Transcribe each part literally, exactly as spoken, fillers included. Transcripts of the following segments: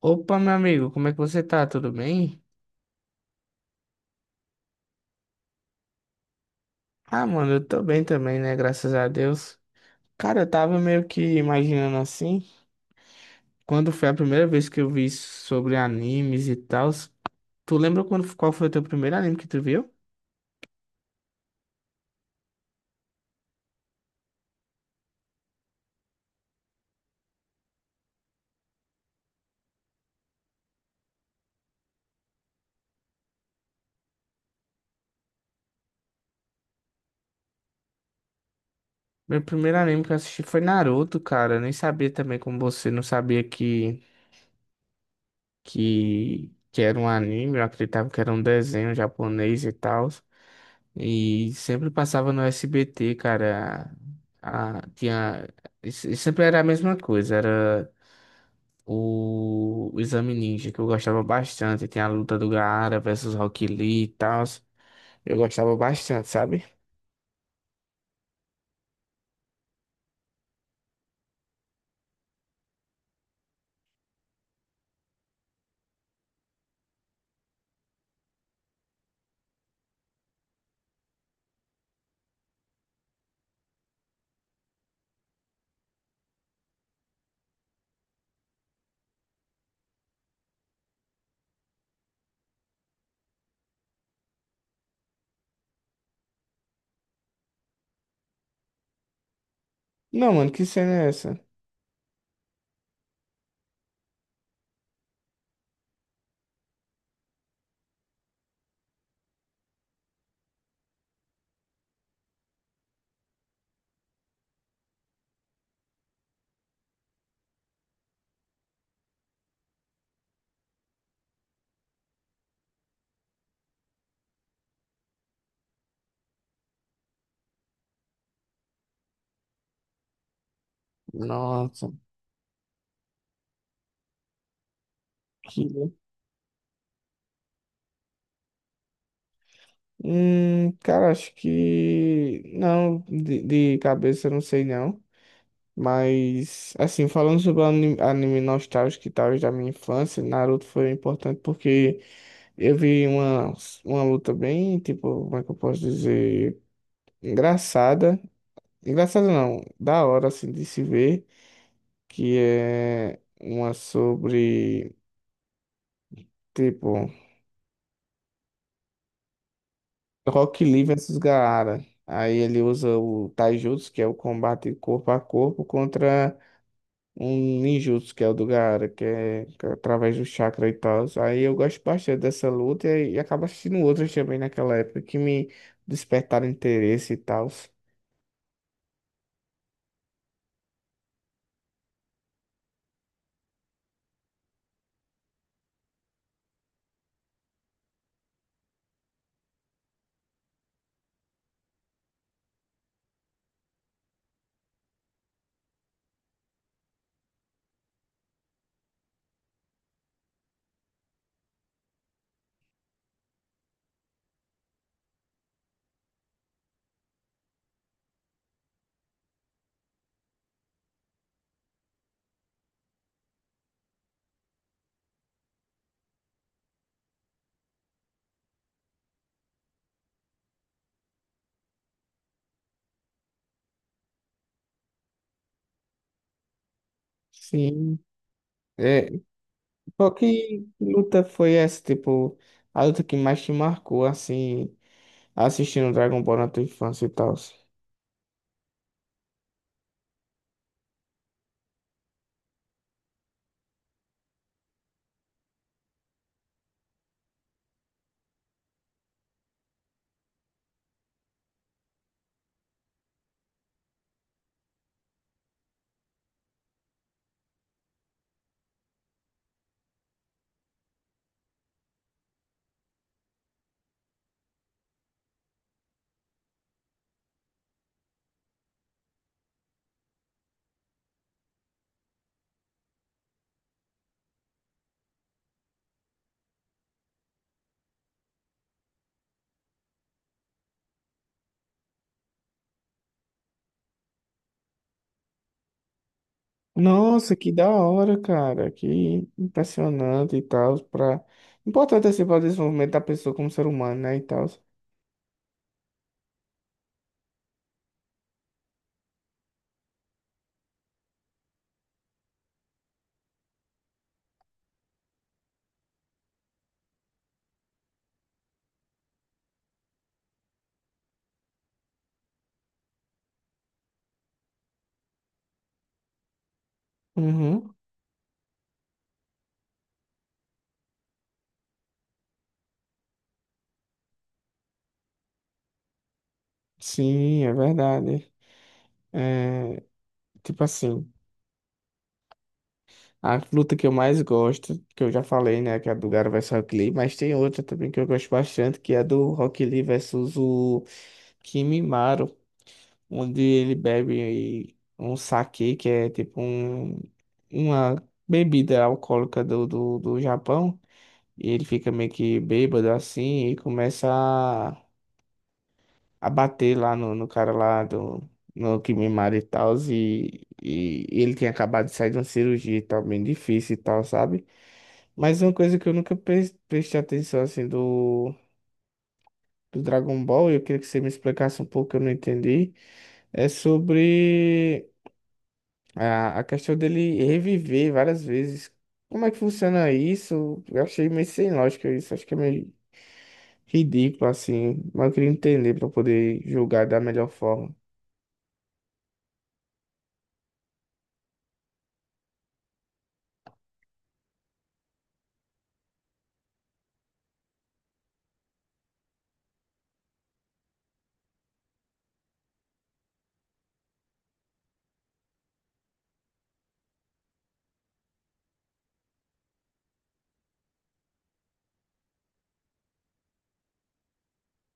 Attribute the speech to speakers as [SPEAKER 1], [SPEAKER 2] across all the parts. [SPEAKER 1] Opa, meu amigo, como é que você tá? Tudo bem? Ah, mano, eu tô bem também, né? Graças a Deus. Cara, eu tava meio que imaginando assim, quando foi a primeira vez que eu vi sobre animes e tal. Tu lembra quando, qual foi o teu primeiro anime que tu viu? Meu primeiro anime que eu assisti foi Naruto, cara. Eu nem sabia também como você, não sabia que, que, que era um anime, eu acreditava que era um desenho japonês e tal. E sempre passava no S B T, cara. A, tinha, e se- e sempre era a mesma coisa, era o, o Exame Ninja, que eu gostava bastante. Tinha a luta do Gaara versus Rock Lee e tal. Eu gostava bastante, sabe? Não, mano, que cena é essa? Nossa, que. Hum, cara, acho que. Não, de, de cabeça eu não sei não. Mas, assim, falando sobre o ani- anime nostálgico e tal da minha infância, Naruto foi importante porque eu vi uma, uma luta bem, tipo, como é que eu posso dizer? Engraçada. Engraçada não, da hora, assim, de se ver. Que é uma sobre, tipo, Rock Lee versus Gaara. Aí ele usa o Taijutsu, que é o combate corpo a corpo, contra um ninjutsu, que é o do Gaara, que é que é através do chakra e tal. Aí eu gosto bastante dessa luta e, e acabo assistindo outras também naquela época que me despertaram interesse e tal. Sim. É, qual que luta foi essa? Tipo, a luta que mais te marcou, assim, assistindo Dragon Ball na tua infância e tal? Nossa, que da hora, cara. Que impressionante e tal. Pra... Importante, assim, para o desenvolvimento da pessoa como ser humano, né? E tal. Uhum. Sim, é verdade. É, tipo assim, a luta que eu mais gosto, que eu já falei, né, que é a do Gaara versus Rock Lee, mas tem outra também que eu gosto bastante, que é a do Rock Lee versus o Kimimaro, onde ele bebe um saquê, que é tipo um, uma bebida alcoólica do, do, do Japão, e ele fica meio que bêbado assim e começa a, a bater lá no, no cara lá do no Kimimaro e tal, e, e ele tinha acabado de sair de uma cirurgia e tal, bem difícil e tal, sabe? Mas uma coisa que eu nunca pres- prestei atenção assim do, do Dragon Ball, e eu queria que você me explicasse um pouco, eu não entendi, é sobre. A, a questão dele reviver várias vezes. Como é que funciona isso? Eu achei meio sem lógica isso. Acho que é meio ridículo, assim. Mas eu queria entender pra poder julgar da melhor forma.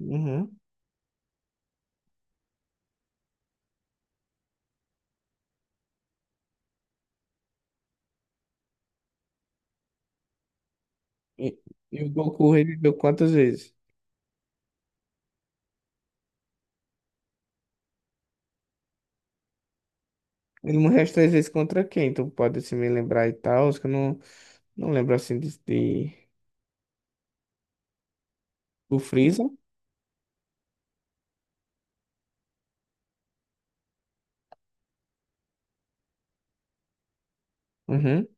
[SPEAKER 1] Uhum. E, e o Goku reviveu quantas vezes? Ele morreu as três vezes contra quem? Então pode se me lembrar e tal. Acho que eu não, não lembro assim de, de... O Freeza. Uhum.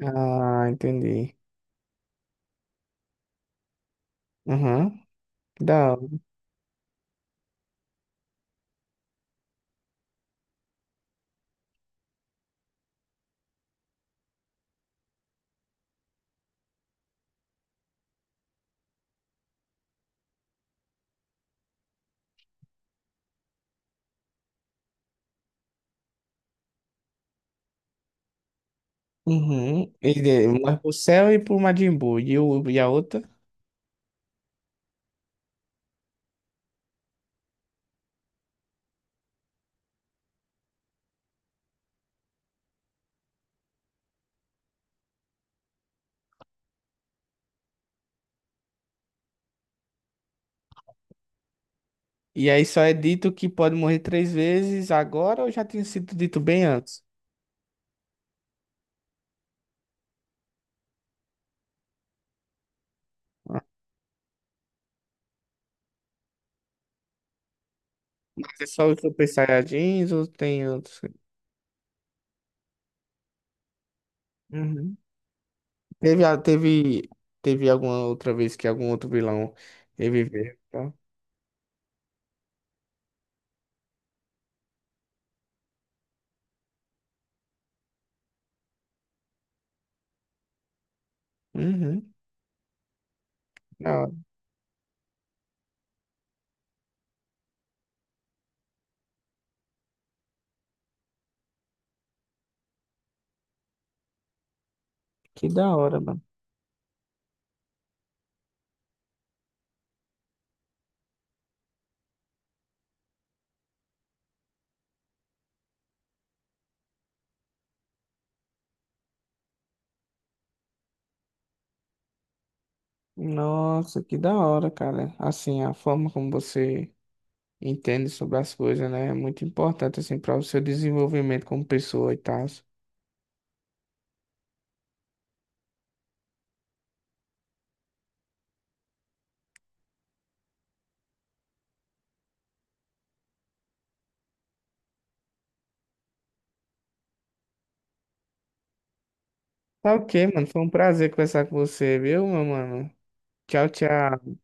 [SPEAKER 1] Ah, entendi. Uhum. Da... hora. Uhum. Ele morre pro céu e pro Majin Buu. E, o, e a outra? E aí só é dito que pode morrer três vezes agora ou já tinha sido dito bem antes? Ah. Mas é só os Super Saiyajins ou tem outros? Uhum. Teve, a- teve, teve alguma outra vez que algum outro vilão reviveu, tá? Uhum. Da hora. Que da hora, mano. Nossa, que da hora, cara. Assim, a forma como você entende sobre as coisas, né? É muito importante, assim, para o seu desenvolvimento como pessoa e tal. Tá ok, mano. Foi um prazer conversar com você, viu, meu mano? Tchau, tchau.